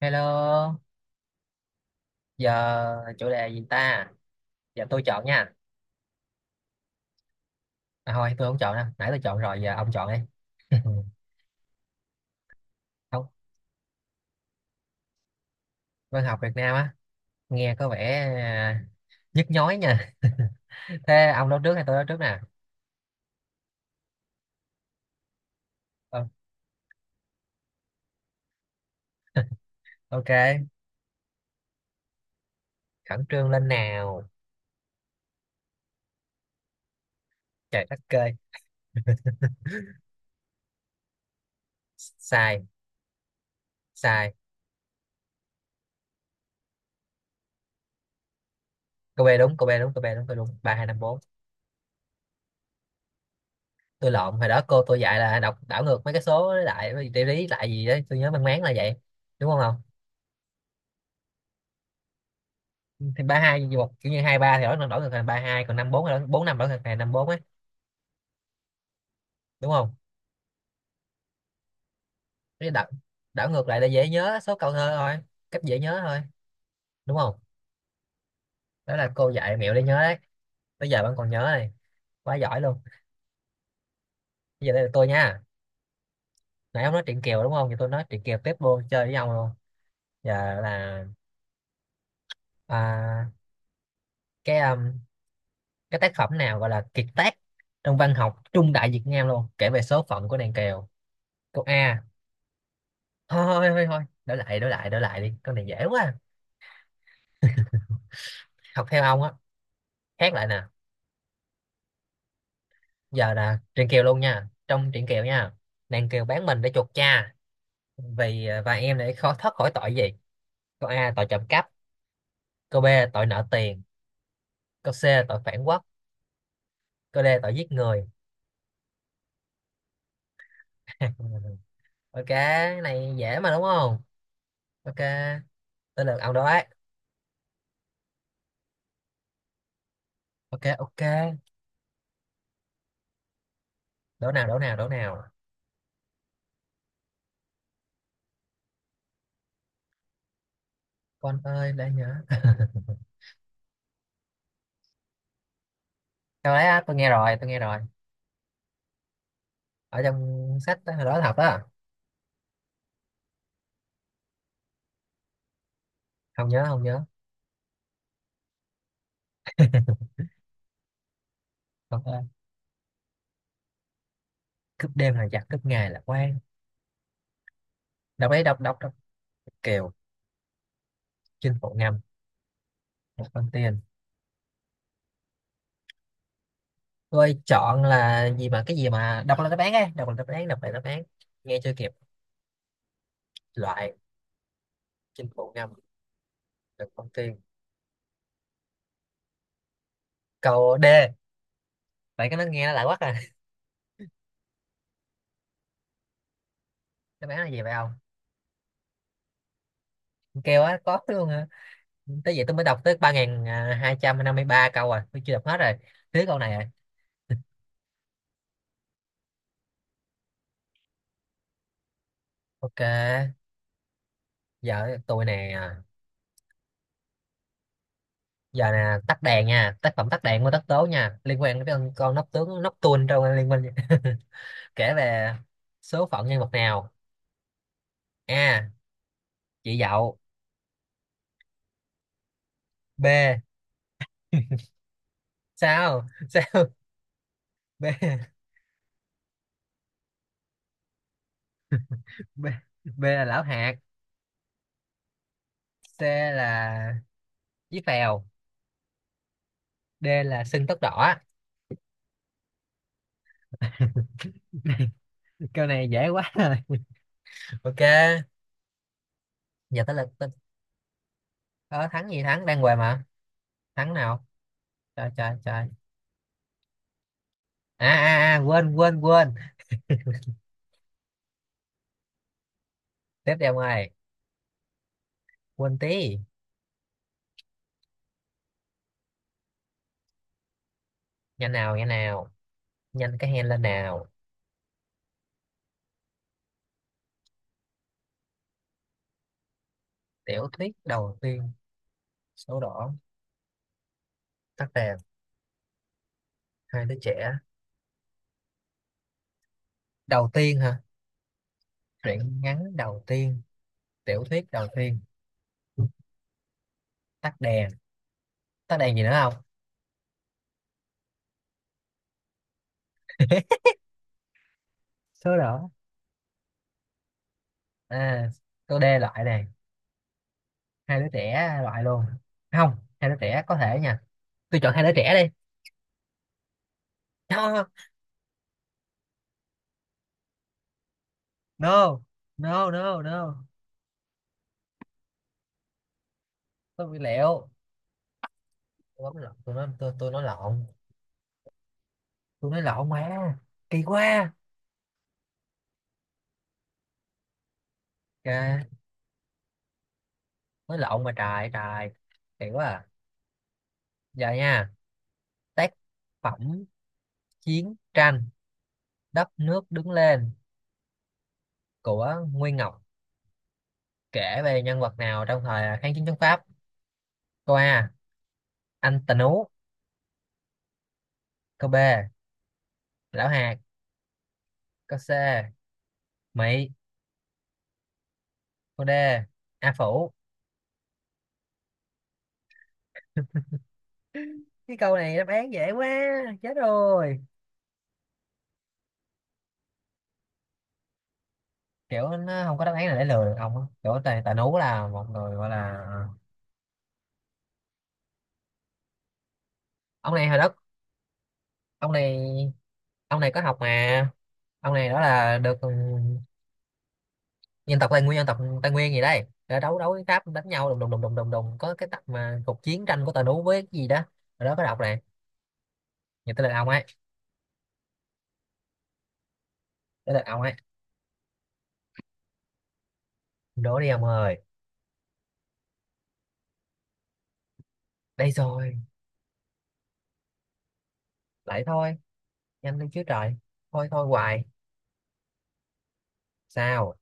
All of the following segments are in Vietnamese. Hello, giờ chủ đề gì ta? Giờ tôi chọn nha. Thôi, tôi không chọn đâu. Nãy tôi chọn rồi, giờ ông chọn đi. Không, văn học Việt Nam á, nghe có vẻ nhức nhói nha. Thế ông nói trước hay tôi nói trước nè? Ờ, ok, khẩn trương lên nào. Trời đất ơi, sai, sai. Cô B đúng, cô B đúng, cô B đúng, tôi đúng. Ba hai năm bốn. Tôi lộn, hồi đó cô tôi dạy là đọc đảo ngược mấy cái số lại, cái lý lại gì đấy. Tôi nhớ mang máng là vậy. Đúng không không? Thì ba hai hoặc kiểu như hai ba thì đổi đổi ngược thành ba hai, còn năm bốn là bốn năm đổi ngược thành năm bốn ấy, đúng không? Cái đảo, đảo ngược lại để dễ nhớ số câu thơ thôi, cách dễ nhớ thôi, đúng không? Đó là cô dạy mẹo để nhớ đấy. Bây giờ bạn còn nhớ này, quá giỏi luôn. Bây giờ đây là tôi nha. Nãy ông nói chuyện Kiều đúng không, thì tôi nói chuyện Kiều tiếp luôn, chơi với nhau luôn. Giờ là à, cái um, cái tác phẩm nào gọi là kiệt tác trong văn học trung đại Việt Nam luôn, kể về số phận của nàng Kiều. Câu A. Thôi thôi thôi thôi, đổi lại đổi lại đổi lại đi, con này dễ quá. Học theo ông á, khác lại nè. Giờ là truyện kiều luôn nha, trong truyện kiều nha, nàng kiều bán mình để chuộc cha vì và em để khó thoát khỏi tội gì. Câu a, tội trộm cắp. Câu b, tội nợ tiền. Câu c, tội phản quốc. Câu d, tội giết người. Ok, cái này dễ mà, đúng không? Ok, tới lượt ông đó ấy. Ok, ok. Đổ nào đổ nào đổ nào. Con ơi để nhớ. Câu đấy á, tôi nghe rồi. Ở trong sách đó, hồi đó học đó. Không nhớ, không nhớ. Con ơi cướp đêm là giặc cướp ngày là quan. Đọc đấy, đọc đọc đọc. Kiều. Chinh phụ ngầm. Một con tiền. Tôi chọn là gì mà cái gì mà đọc là đáp án ấy, đọc là đáp án, đọc là đáp án. Nghe chưa kịp. Loại. Chinh phụ ngầm. Được con tiền. Câu D. Vậy cái nó nghe nó lại quá à. Đáp án là gì vậy không? Con kêu á có luôn hả? Tới vậy tôi mới đọc tới ba nghìn hai trăm năm mươi ba câu rồi, tôi chưa đọc hết rồi, thiếu câu này rồi. Ok, giờ tôi nè. Giờ nè, tắt đèn nha, tác phẩm tắt đèn của tất tố nha, liên quan đến con nóc tướng nóc tuôn trong liên minh. Kể về số phận nhân vật nào. a, chị dậu. B. Sao sao. B. B. B là lão hạt. C là chí phèo. D là sưng tóc đỏ. Câu này dễ quá rồi. Ok, giờ tới lượt tôi. Ờ, thắng gì thắng, đang què mà, thắng nào. Trời trời trời, à, quên quên quên. Tiếp theo ngoài, quên tí. Nhanh nào, nhanh nào, nhanh cái hand lên nào. Tiểu thuyết đầu tiên. Số đỏ. Tắt đèn. Hai đứa trẻ. Đầu tiên hả? Truyện ngắn đầu tiên. Tiểu thuyết đầu tiên. Tắt đèn. Tắt đèn gì nữa không? Số đỏ à. Câu D loại này, hai đứa trẻ loại luôn. Không, hai đứa trẻ có thể nha. Tôi chọn hai đứa trẻ đi. No, no, no, no, no. Tôi bị lẹo. Tôi bấm lộn, tôi nói lộn. Tôi nói lộn mà, kỳ quá. Kìa, nói lộn mà, trời trời, kỳ quá à. Giờ nha, tác phẩm chiến tranh đất nước đứng lên của Nguyên Ngọc, kể về nhân vật nào trong thời kháng chiến chống Pháp. Câu A, anh Tần Ú. Câu B, lão hạt. Câu C, Mỹ. Câu D, A Phủ. Cái câu này đáp án dễ quá, chết rồi. Kiểu nó không có đáp án nào để lừa được ông á. Kiểu tài, tài nú là một người gọi là ông này hồi đất ông này, ông này có học mà, ông này đó là được, ừ, dân tộc Tây Nguyên, dân tộc Tây Nguyên gì đây, đã đấu, đấu với Pháp đánh nhau đùng đùng đùng đùng đùng đùng, có cái tập mà cuộc chiến tranh của tài nú với cái gì đó, rồi đó có đọc này. Người tới lượt ông ấy Tới lượt ông ấy. Đố đi ông ơi. Đây rồi, lại thôi, nhanh lên chứ trời, thôi thôi hoài. Sao?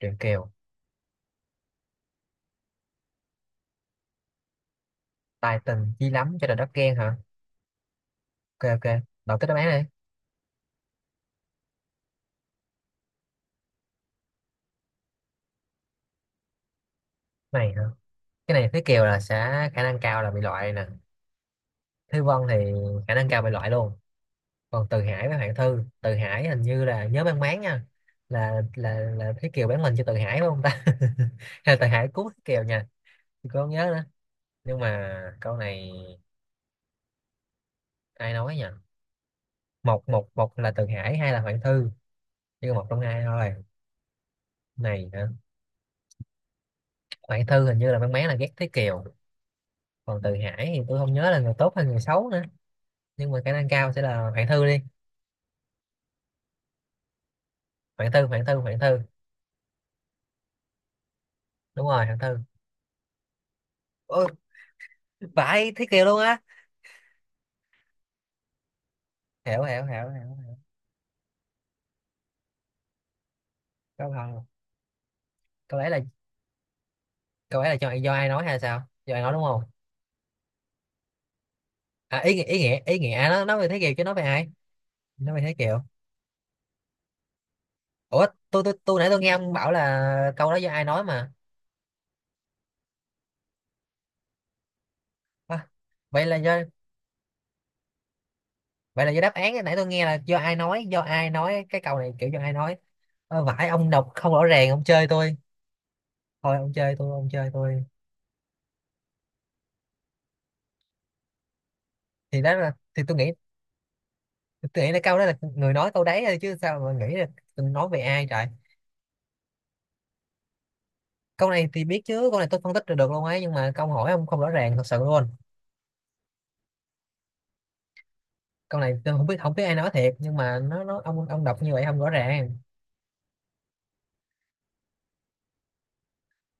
Triệu Kiều. Tài tình chi lắm cho nên đất ghen hả? Ok, ok. Đọc cái đáp án này. Này hả? Cái này Thúy Kiều là sẽ khả năng cao là bị loại nè. Thúy Vân thì khả năng cao bị loại luôn. Còn Từ Hải với Hoàng Thư, Từ Hải hình như là nhớ mang máng nha, là Thúy Kiều bán mình cho Từ Hải đúng không ta. Hay là Từ Hải cứu Thúy Kiều nha, tôi không nhớ nữa. Nhưng mà câu này ai nói nhỉ? Một một một là Từ Hải, hai là Hoàng Thư, chỉ còn một trong hai thôi. Này hả? Hoàng Thư hình như là mang máng là ghét Thúy Kiều, còn Từ Hải thì tôi không nhớ là người tốt hay người xấu nữa, nhưng mà khả năng cao sẽ là Hoàng Thư đi. Hoàng Thư, Hoàng Thư, Hoàng Thư. Đúng rồi, Hoàng Thư. Ôi, vãi Thế Kiều luôn á. Hiểu hiểu hiểu hiểu. Câu hỏi. Câu ấy là, câu ấy là cho do ai nói hay sao, do ai nói đúng không? À, ý nghĩa, ý nghĩa, ý nghĩa, nó nói về Thế Kiều chứ nói về ai, nói về Thế Kiều. Ủa tôi nãy nghe ông bảo là câu đó do ai nói mà. À, vậy là do, vậy là do đáp án, nãy tôi nghe là do ai nói, do ai nói cái câu này, kiểu do ai nói. Ờ, vãi, ông đọc không rõ ràng, ông chơi tôi, thôi ông chơi tôi, ông chơi tôi. Thì đó là, tôi nghĩ, tôi nghĩ là câu đó là người nói câu đấy thôi chứ sao mà nghĩ là tôi nói về ai trời. Câu này thì biết chứ, câu này tôi phân tích được, được luôn ấy, nhưng mà câu hỏi ông không rõ ràng thật sự luôn. Câu này tôi không biết, không biết ai nói thiệt, nhưng mà nó ông đọc như vậy không rõ ràng.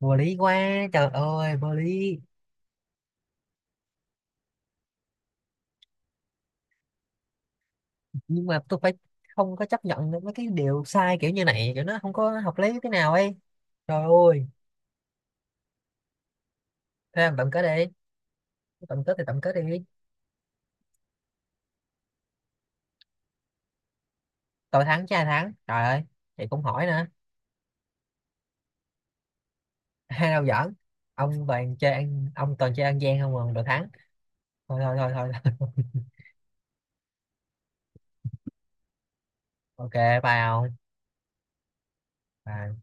Vô lý quá, trời ơi vô lý. Nhưng mà tôi phải, không có chấp nhận được mấy cái điều sai kiểu như này, kiểu nó không có hợp lý thế nào ấy, trời ơi. Thế làm tổng kết đi, tổng kết thì tổng kết đi. Tôi thắng chứ ai thắng trời ơi, thì cũng hỏi nữa, hai đâu giỡn. Ông toàn chơi ăn, ông toàn chơi ăn gian không mà được thắng. Thôi thôi thôi thôi. Ok, bye ông. Bye.